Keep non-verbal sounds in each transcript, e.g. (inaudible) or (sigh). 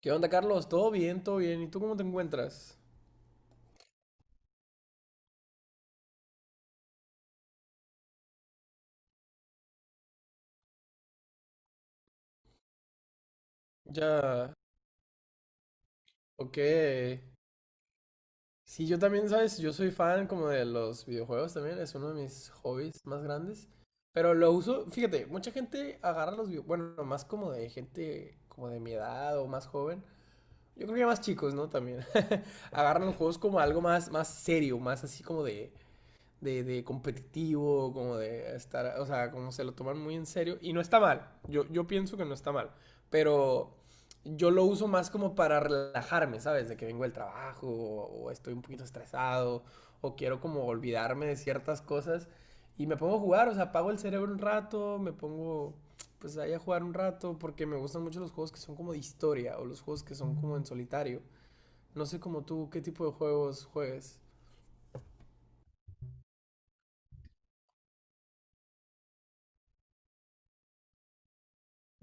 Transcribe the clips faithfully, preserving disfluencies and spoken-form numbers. ¿Qué onda, Carlos? ¿Todo bien? ¿Todo bien? ¿Y tú cómo te encuentras? Ya, ok. Sí, yo también, ¿sabes? Yo soy fan como de los videojuegos también, es uno de mis hobbies más grandes. Pero lo uso, fíjate, mucha gente agarra los videojuegos, bueno, más como de gente como de mi edad o más joven. Yo creo que más chicos, ¿no? También. (laughs) Agarran los juegos como algo más, más serio, más así como de, de, de competitivo, como de estar, o sea, como se lo toman muy en serio. Y no está mal, yo, yo pienso que no está mal, pero yo lo uso más como para relajarme, ¿sabes? De que vengo del trabajo o, o estoy un poquito estresado o quiero como olvidarme de ciertas cosas y me pongo a jugar, o sea, apago el cerebro un rato, me pongo pues ahí a jugar un rato porque me gustan mucho los juegos que son como de historia o los juegos que son como en solitario. No sé como tú qué tipo de juegos juegues.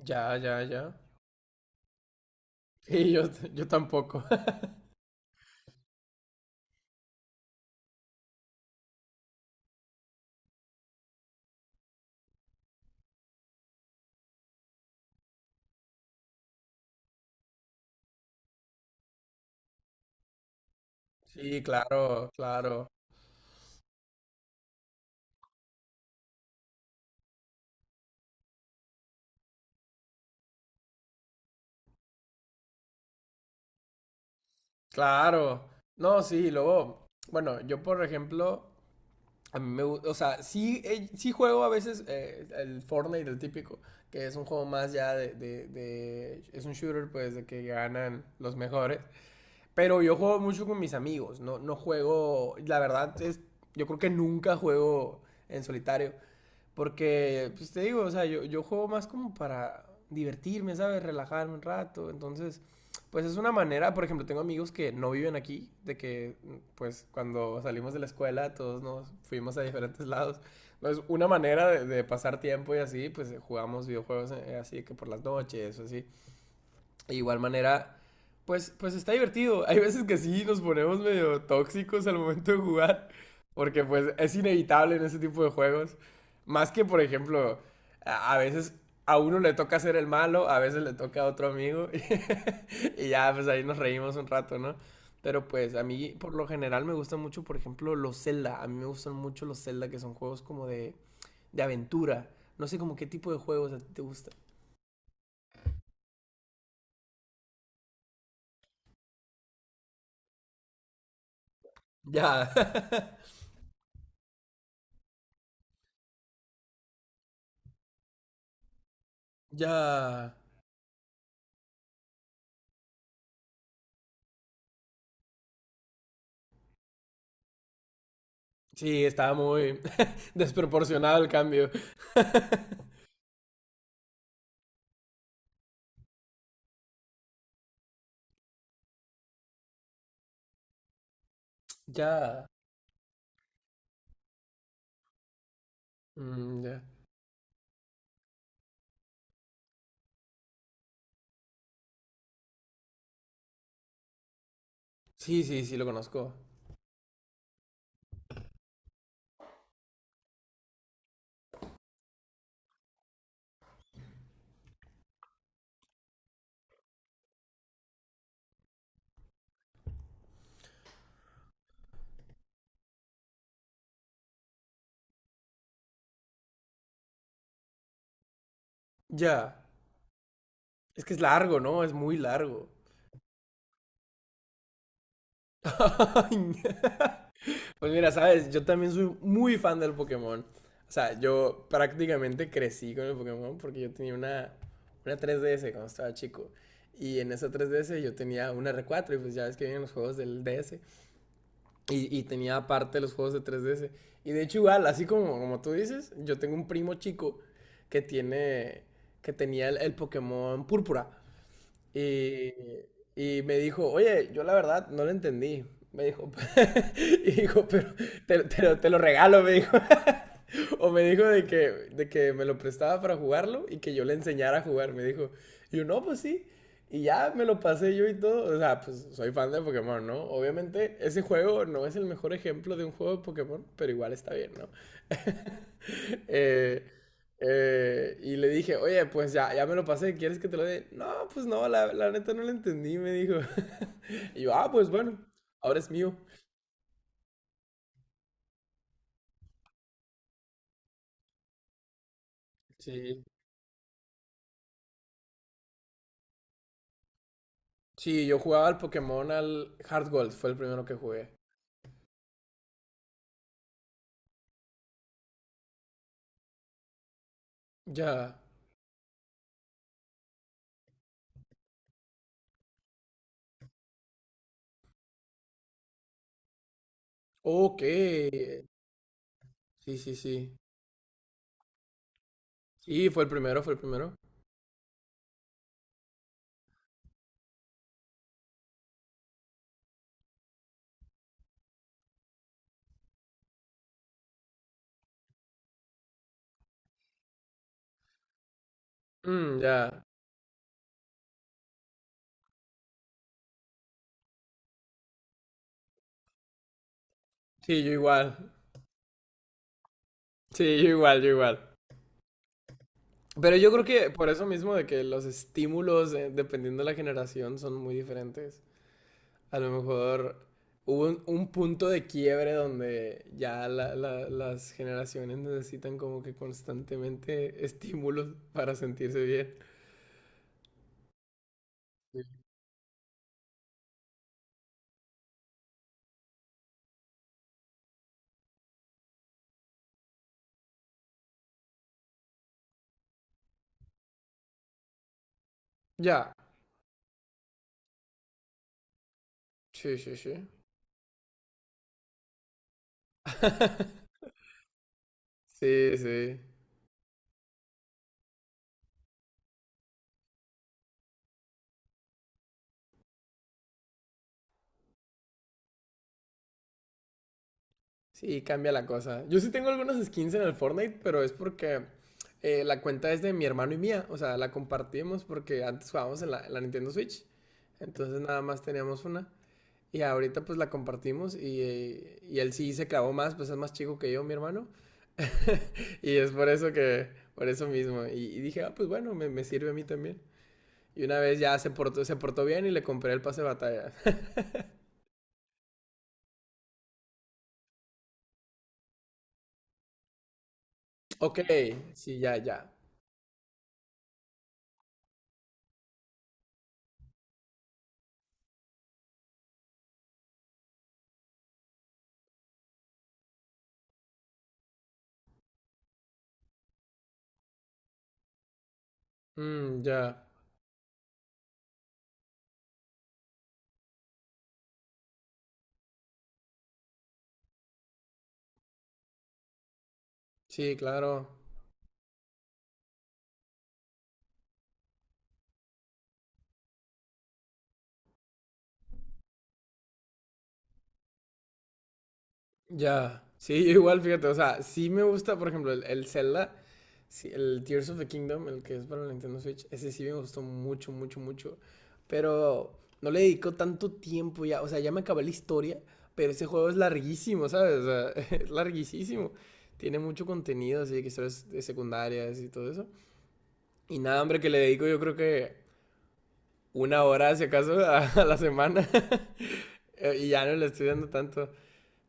Ya, ya, ya. Sí, yo, yo tampoco. (laughs) Sí, claro, claro, claro. No, sí, luego, bueno, yo por ejemplo, a mí me gusta, o sea, sí, eh, sí juego a veces eh, el Fortnite, el típico, que es un juego más ya de, de, de- es un shooter pues de que ganan los mejores. Pero yo juego mucho con mis amigos, no, no juego, la verdad es, yo creo que nunca juego en solitario, porque, pues te digo, o sea, yo, yo juego más como para divertirme, ¿sabes? Relajarme un rato, entonces, pues es una manera, por ejemplo, tengo amigos que no viven aquí, de que, pues cuando salimos de la escuela todos nos fuimos a diferentes lados, entonces una manera de, de pasar tiempo y así, pues jugamos videojuegos eh, así que por las noches o así. De igual manera, pues, pues está divertido. (laughs) Hay veces que sí nos ponemos medio tóxicos al momento de jugar, porque pues es inevitable en ese tipo de juegos. Más que, por ejemplo, a a veces a uno le toca ser el malo, a veces le toca a otro amigo, (laughs) y ya, pues ahí nos reímos un rato, ¿no? Pero pues a mí por lo general me gustan mucho, por ejemplo, los Zelda. A mí me gustan mucho los Zelda, que son juegos como de, de aventura. No sé como qué tipo de juegos a ti te gustan. Ya. (laughs) Ya. Sí, estaba muy (laughs) desproporcionado el cambio. (laughs) Ya. Mm, ya. Sí, sí, sí, lo conozco. Ya. Es que es largo, ¿no? Es muy largo. (laughs) Ay, pues mira, sabes, yo también soy muy fan del Pokémon. O sea, yo prácticamente crecí con el Pokémon porque yo tenía una, una tres D S cuando estaba chico. Y en esa tres D S yo tenía una R cuatro y pues ya ves que vienen los juegos del D S. Y, y, tenía aparte los juegos de tres D S. Y de hecho, igual, así como, como tú dices, yo tengo un primo chico que tiene. Que tenía el, el Pokémon Púrpura. Y, y, me dijo, oye, yo la verdad no lo entendí. Me dijo, (laughs) y dijo, pero te, te, lo, te lo regalo, me dijo. (laughs) O me dijo de que, de que me lo prestaba para jugarlo y que yo le enseñara a jugar. Me dijo, y yo, no, pues sí. Y ya me lo pasé yo y todo. O sea, pues soy fan de Pokémon, ¿no? Obviamente, ese juego no es el mejor ejemplo de un juego de Pokémon, pero igual está bien, ¿no? (laughs) Eh, eh, y le dije, oye, pues ya, ya me lo pasé, ¿quieres que te lo dé? No, pues no, la, la neta no lo entendí, me dijo. (laughs) Y yo, ah, pues bueno, ahora es mío. Sí. Sí, yo jugaba al Pokémon al Heart Gold, fue el primero que jugué. Ya. Ok. Sí, sí, sí. Sí, fue el primero, fue el primero. Mm, ya. Sí, yo igual. Sí, yo igual, yo igual. Pero yo creo que por eso mismo de que los estímulos, eh, dependiendo de la generación, son muy diferentes. A lo mejor hubo un, un punto de quiebre donde ya la- la- las generaciones necesitan como que constantemente (laughs) estímulos para sentirse bien. Ya. Sí, sí, sí. (laughs) Sí, sí. Sí, cambia la cosa. Yo sí tengo algunas skins en el Fortnite, pero es porque eh, la cuenta es de mi hermano y mía. O sea, la compartimos porque antes jugábamos en la, en la Nintendo Switch. Entonces nada más teníamos una. Y ahorita pues la compartimos y, eh, y él sí se clavó más, pues es más chico que yo, mi hermano. Y es por eso que, por eso mismo. Y, y dije, ah, pues bueno, me, me sirve a mí también. Y una vez ya se portó, se portó bien y le compré el pase de batalla. (laughs) Ok, sí, ya, ya. Mm, ya. Sí, claro. Ya, sí, yo igual, fíjate, o sea, sí me gusta, por ejemplo, el, el Zelda, sí, el Tears of the Kingdom, el que es para la Nintendo Switch, ese sí me gustó mucho, mucho, mucho, pero no le dedicó tanto tiempo ya, o sea, ya me acabé la historia, pero ese juego es larguísimo, ¿sabes? O sea, (laughs) es larguísimo, tiene mucho contenido, así que historias de secundarias y todo eso, y nada, hombre, que le dedico yo creo que una hora, si acaso, (laughs) a, a la semana, (laughs) y ya no le estoy dando tanto.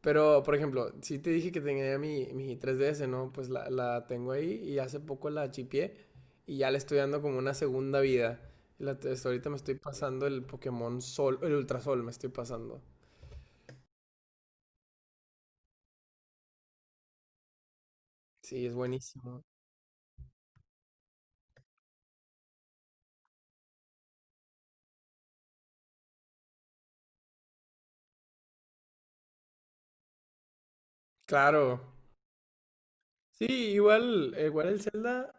Pero, por ejemplo, si te dije que tenía mi, mi tres D S, ¿no? Pues la, la tengo ahí y hace poco la chipié y ya le estoy dando como una segunda vida. La- hasta ahorita me estoy pasando el Pokémon Sol, el Ultra Sol me estoy pasando. Sí, es buenísimo. Claro. Sí, igual, igual el Zelda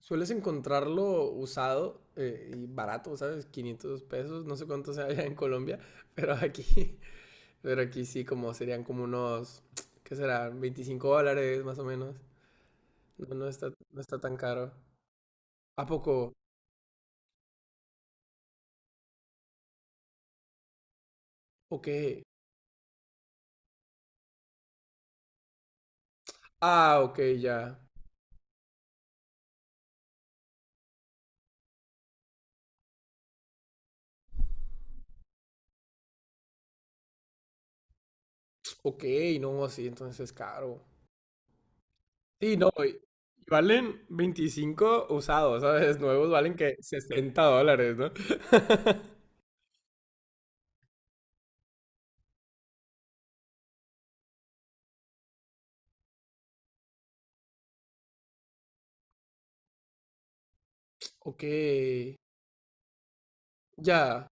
sueles encontrarlo usado eh, y barato, ¿sabes? quinientos pesos, no sé cuánto sea allá en Colombia, pero aquí, (laughs) pero aquí sí como serían como unos, ¿qué será? veinticinco dólares más o menos. No, no está, no está tan caro. ¿A poco? Ok. Ah, ok, ya. Ok, no, sí, entonces es caro. Sí, no, y y valen veinticinco usados, ¿sabes? (laughs) Nuevos valen que sesenta dólares, ¿no? (laughs) Ok, ya.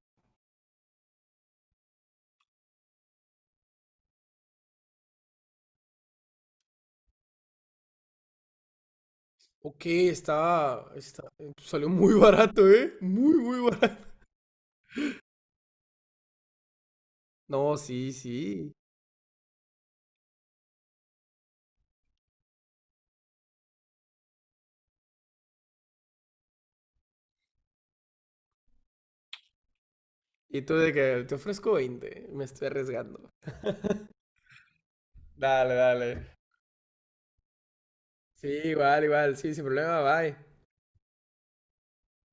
Ok, está, está. Salió muy (laughs) barato, ¿eh? Muy, muy barato. No, sí, sí. Y tú de que te ofrezco veinte me estoy arriesgando. Dale, dale. Sí, igual, igual. Sí, sin problema, bye.